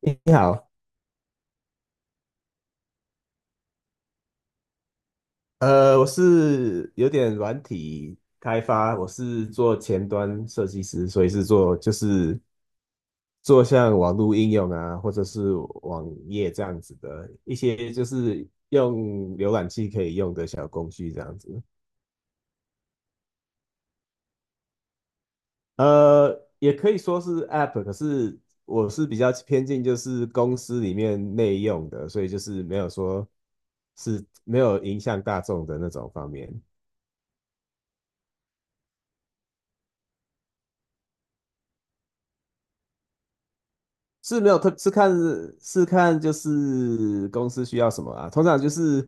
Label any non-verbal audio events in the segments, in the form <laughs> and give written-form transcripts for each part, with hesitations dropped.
你好。我是有点软体开发，我是做前端设计师，所以是做像网络应用啊，或者是网页这样子的一些就是用浏览器可以用的小工具这样子。也可以说是 App,可是我是比较偏近就是公司里面内用的，所以就是没有说是没有影响大众的那种方面。是没有特是看就是公司需要什么啊，通常就是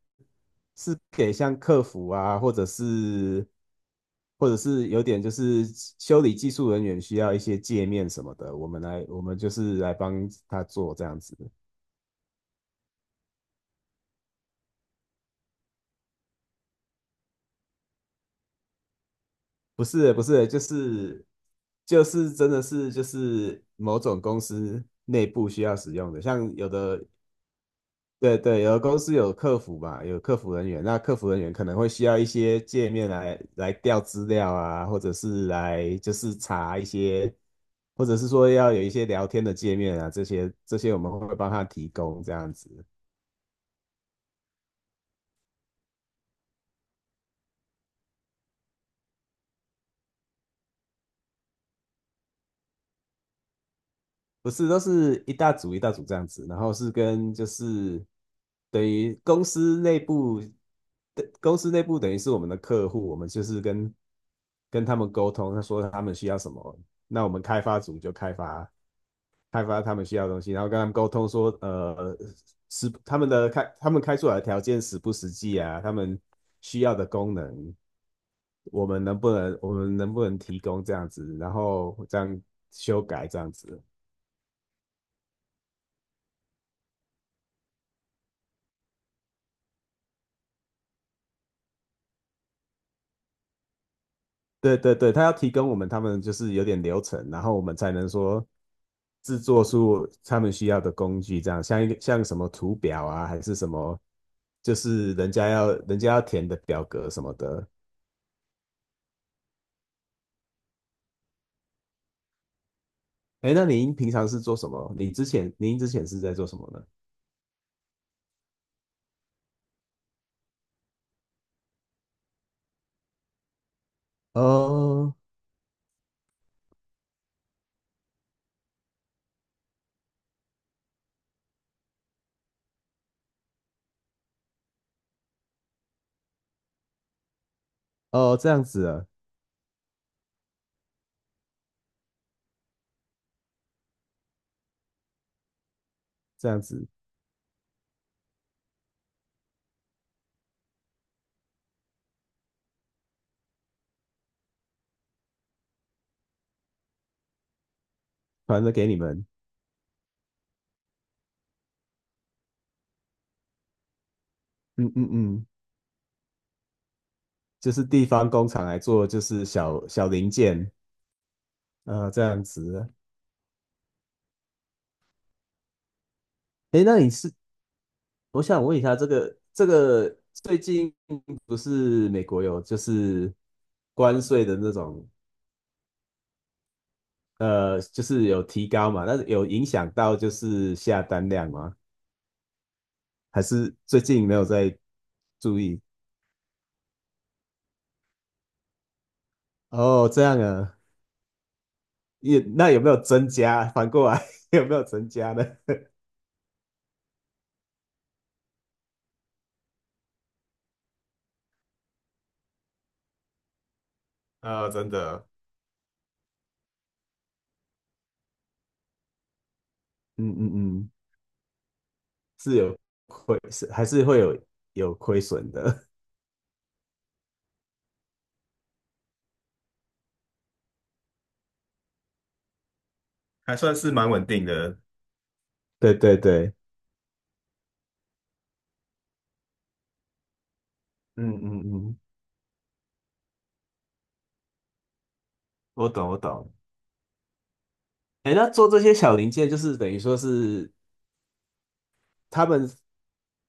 是给像客服啊，或者是有点就是修理技术人员需要一些界面什么的，我们就是来帮他做这样子。不是就是真的是就是某种公司内部需要使用的，像有的。对对，有的公司有客服吧，有客服人员，那客服人员可能会需要一些界面来调资料啊，或者是来就是查一些，或者是说要有一些聊天的界面啊，这些我们会帮他提供这样子。不是，都是一大组一大组这样子，然后是跟就是等于公司内部等于是我们的客户，我们就是跟他们沟通，他说他们需要什么，那我们开发组就开发。开发他们需要的东西，然后跟他们沟通说，是他们的开他们开出来的条件实不实际啊？他们需要的功能，我们能不能提供这样子？然后这样修改这样子。对对对，他要提供我们，他们就是有点流程，然后我们才能说制作出他们需要的工具，这样像一个像什么图表啊，还是什么，就是人家要填的表格什么的。哎，那您平常是做什么？你之前您之前是在做什么呢？哦哦，这样子啊。这样子，传了给你们。嗯嗯嗯，就是地方工厂来做，就是小小零件啊。这样子啊。哎，那你是，我想问一下，这个最近不是美国有就是关税的那种，就是有提高嘛？那有影响到就是下单量吗？还是最近没有在注意？哦，这样啊。也那有没有增加？反过来 <laughs> 有没有增加呢？<laughs> 啊，真的。嗯嗯嗯，是有亏，是还是会有有亏损的。<laughs> 还算是蛮稳定的。对对对。嗯嗯嗯，我懂我懂。哎，那做这些小零件，就是等于说是他们，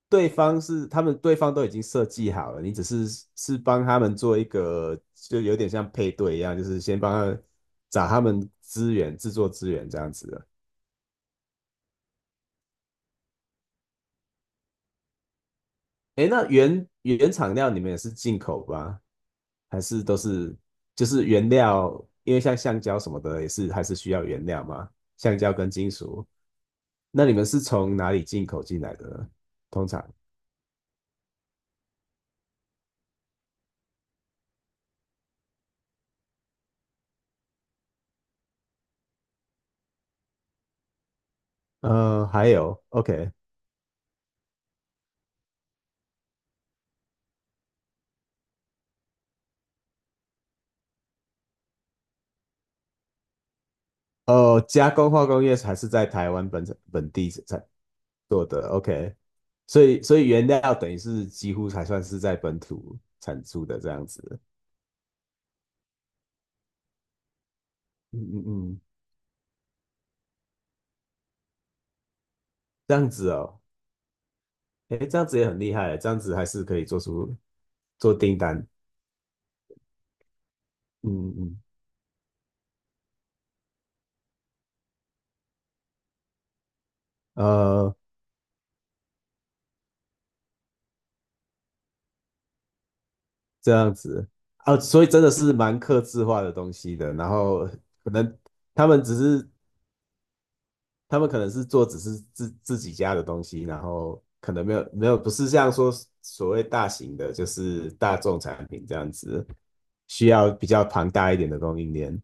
对方是他们对方都已经设计好了，你只是是帮他们做一个，就有点像配对一样，就是先帮他们找他们资源，制作资源这样子的。哎，那原原厂料你们也是进口吧？还是都是就是原料？因为像橡胶什么的也是还是需要原料嘛，橡胶跟金属。那你们是从哪里进口进来的呢？通常，呃，还有，OK。哦，加工化工业还是在台湾本本地才做的，OK,所以原料等于是几乎才算是在本土产出的这样子。嗯嗯嗯，这样子哦。哎，这样子也很厉害，这样子还是可以做出，做订单。嗯嗯，呃，这样子啊，所以真的是蛮客制化的东西的。然后可能，他们只是，他们可能是做只是自自己家的东西，然后可能没有不是像说所谓大型的，就是大众产品这样子，需要比较庞大一点的供应链。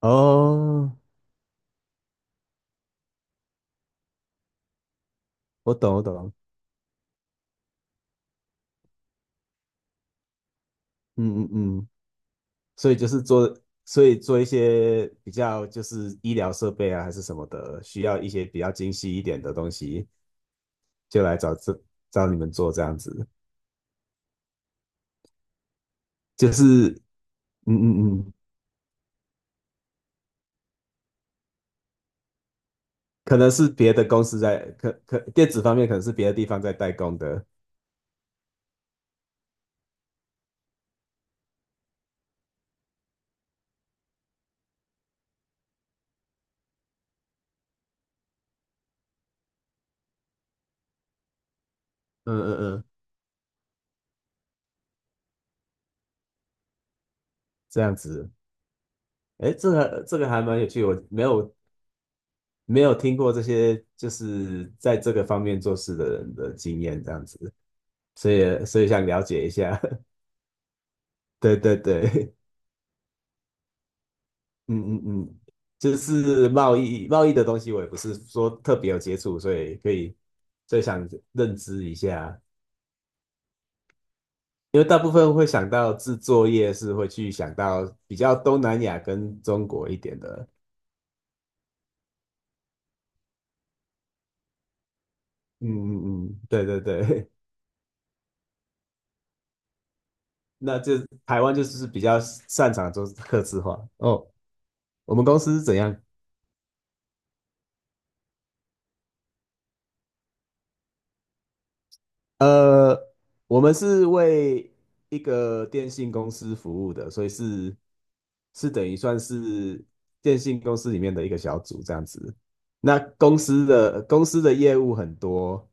哦，我懂我懂。嗯嗯嗯。所以就是做，所以做一些比较就是医疗设备啊，还是什么的，需要一些比较精细一点的东西，就来找找你们做这样子。就是，嗯嗯嗯，可能是别的公司在，可电子方面可能是别的地方在代工的。嗯嗯嗯，这样子。哎，这个还蛮有趣，我没有，没有听过这些就是在这个方面做事的人的经验这样子，所以想了解一下。<laughs> 对对对。嗯嗯嗯，就是贸易的东西，我也不是说特别有接触，所以可以，所以想认知一下，因为大部分会想到制作业是会去想到比较东南亚跟中国一点的。嗯嗯嗯，对对对。<laughs> 那就台湾就是比较擅长做客制化哦。我们公司是怎样？呃，我们是为一个电信公司服务的，所以是是等于算是电信公司里面的一个小组这样子。那公司的业务很多，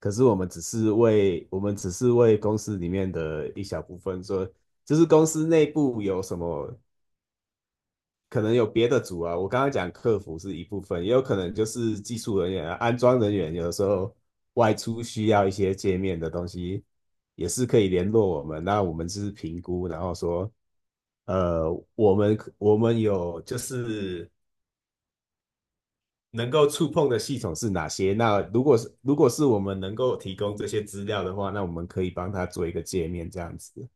可是我们只是为，我们只是为公司里面的一小部分说，就是公司内部有什么。可能有别的组啊，我刚刚讲客服是一部分，也有可能就是技术人员啊，安装人员，有的时候外出需要一些界面的东西，也是可以联络我们。那我们就是评估，然后说，呃，我们有就是能够触碰的系统是哪些？那如果是我们能够提供这些资料的话，那我们可以帮他做一个界面这样子。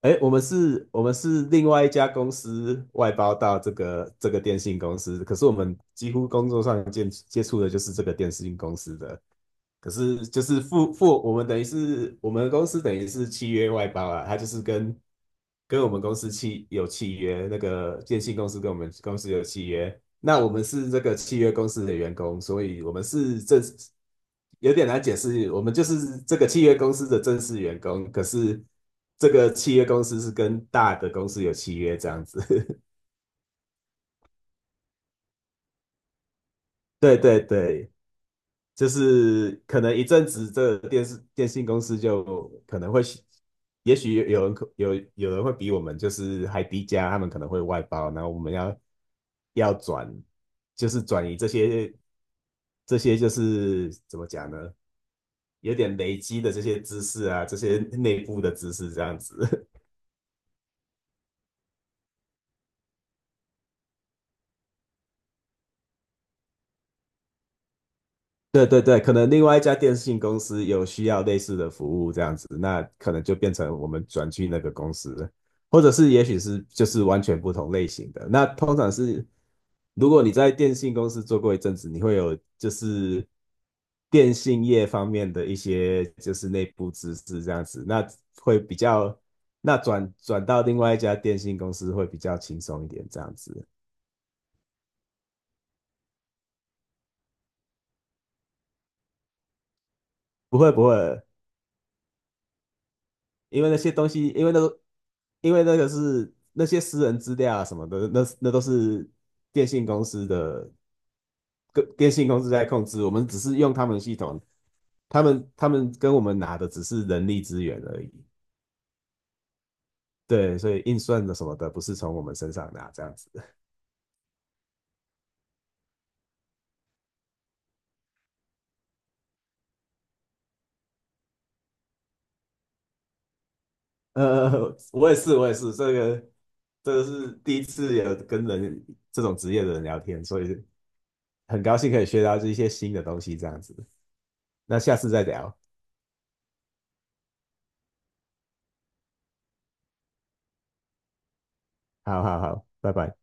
哎，我们是，我们是另外一家公司外包到这个电信公司，可是我们几乎工作上接，接触的就是这个电信公司的，可是就是付，我们等于是，我们公司等于是契约外包啊，他就是跟，跟我们公司契，有契约，那个电信公司跟我们公司有契约，那我们是这个契约公司的员工，所以我们是正式，有点难解释。我们就是这个契约公司的正式员工，可是这个契约公司是跟大的公司有契约这样子。<laughs> 对对对，就是可能一阵子，这个电视，电信公司就可能会，也许有，有人可有，会比我们就是还低价，他们可能会外包，然后我们要要转，就是转移这些，这些就是怎么讲呢？有点累积的这些知识啊，这些内部的知识这样子。<laughs> 对对对，可能另外一家电信公司有需要类似的服务这样子，那可能就变成我们转去那个公司，或者是也许是就是完全不同类型的。那通常是，如果你在电信公司做过一阵子，你会有就是电信业方面的一些就是内部知识这样子，那会比较，那转到另外一家电信公司会比较轻松一点这样子。不会不会，因为那些东西，因为那个，因为那个是那些私人资料啊什么的，那那都是电信公司的，跟电信公司在控制，我们只是用他们系统，他们，他们跟我们拿的只是人力资源而已。对，所以运算的什么的不是从我们身上拿这样子。<laughs> 呃，我也是我也是，这个是第一次有跟人这种职业的人聊天，所以很高兴可以学到这一些新的东西这样子。那下次再聊，好好好，拜拜。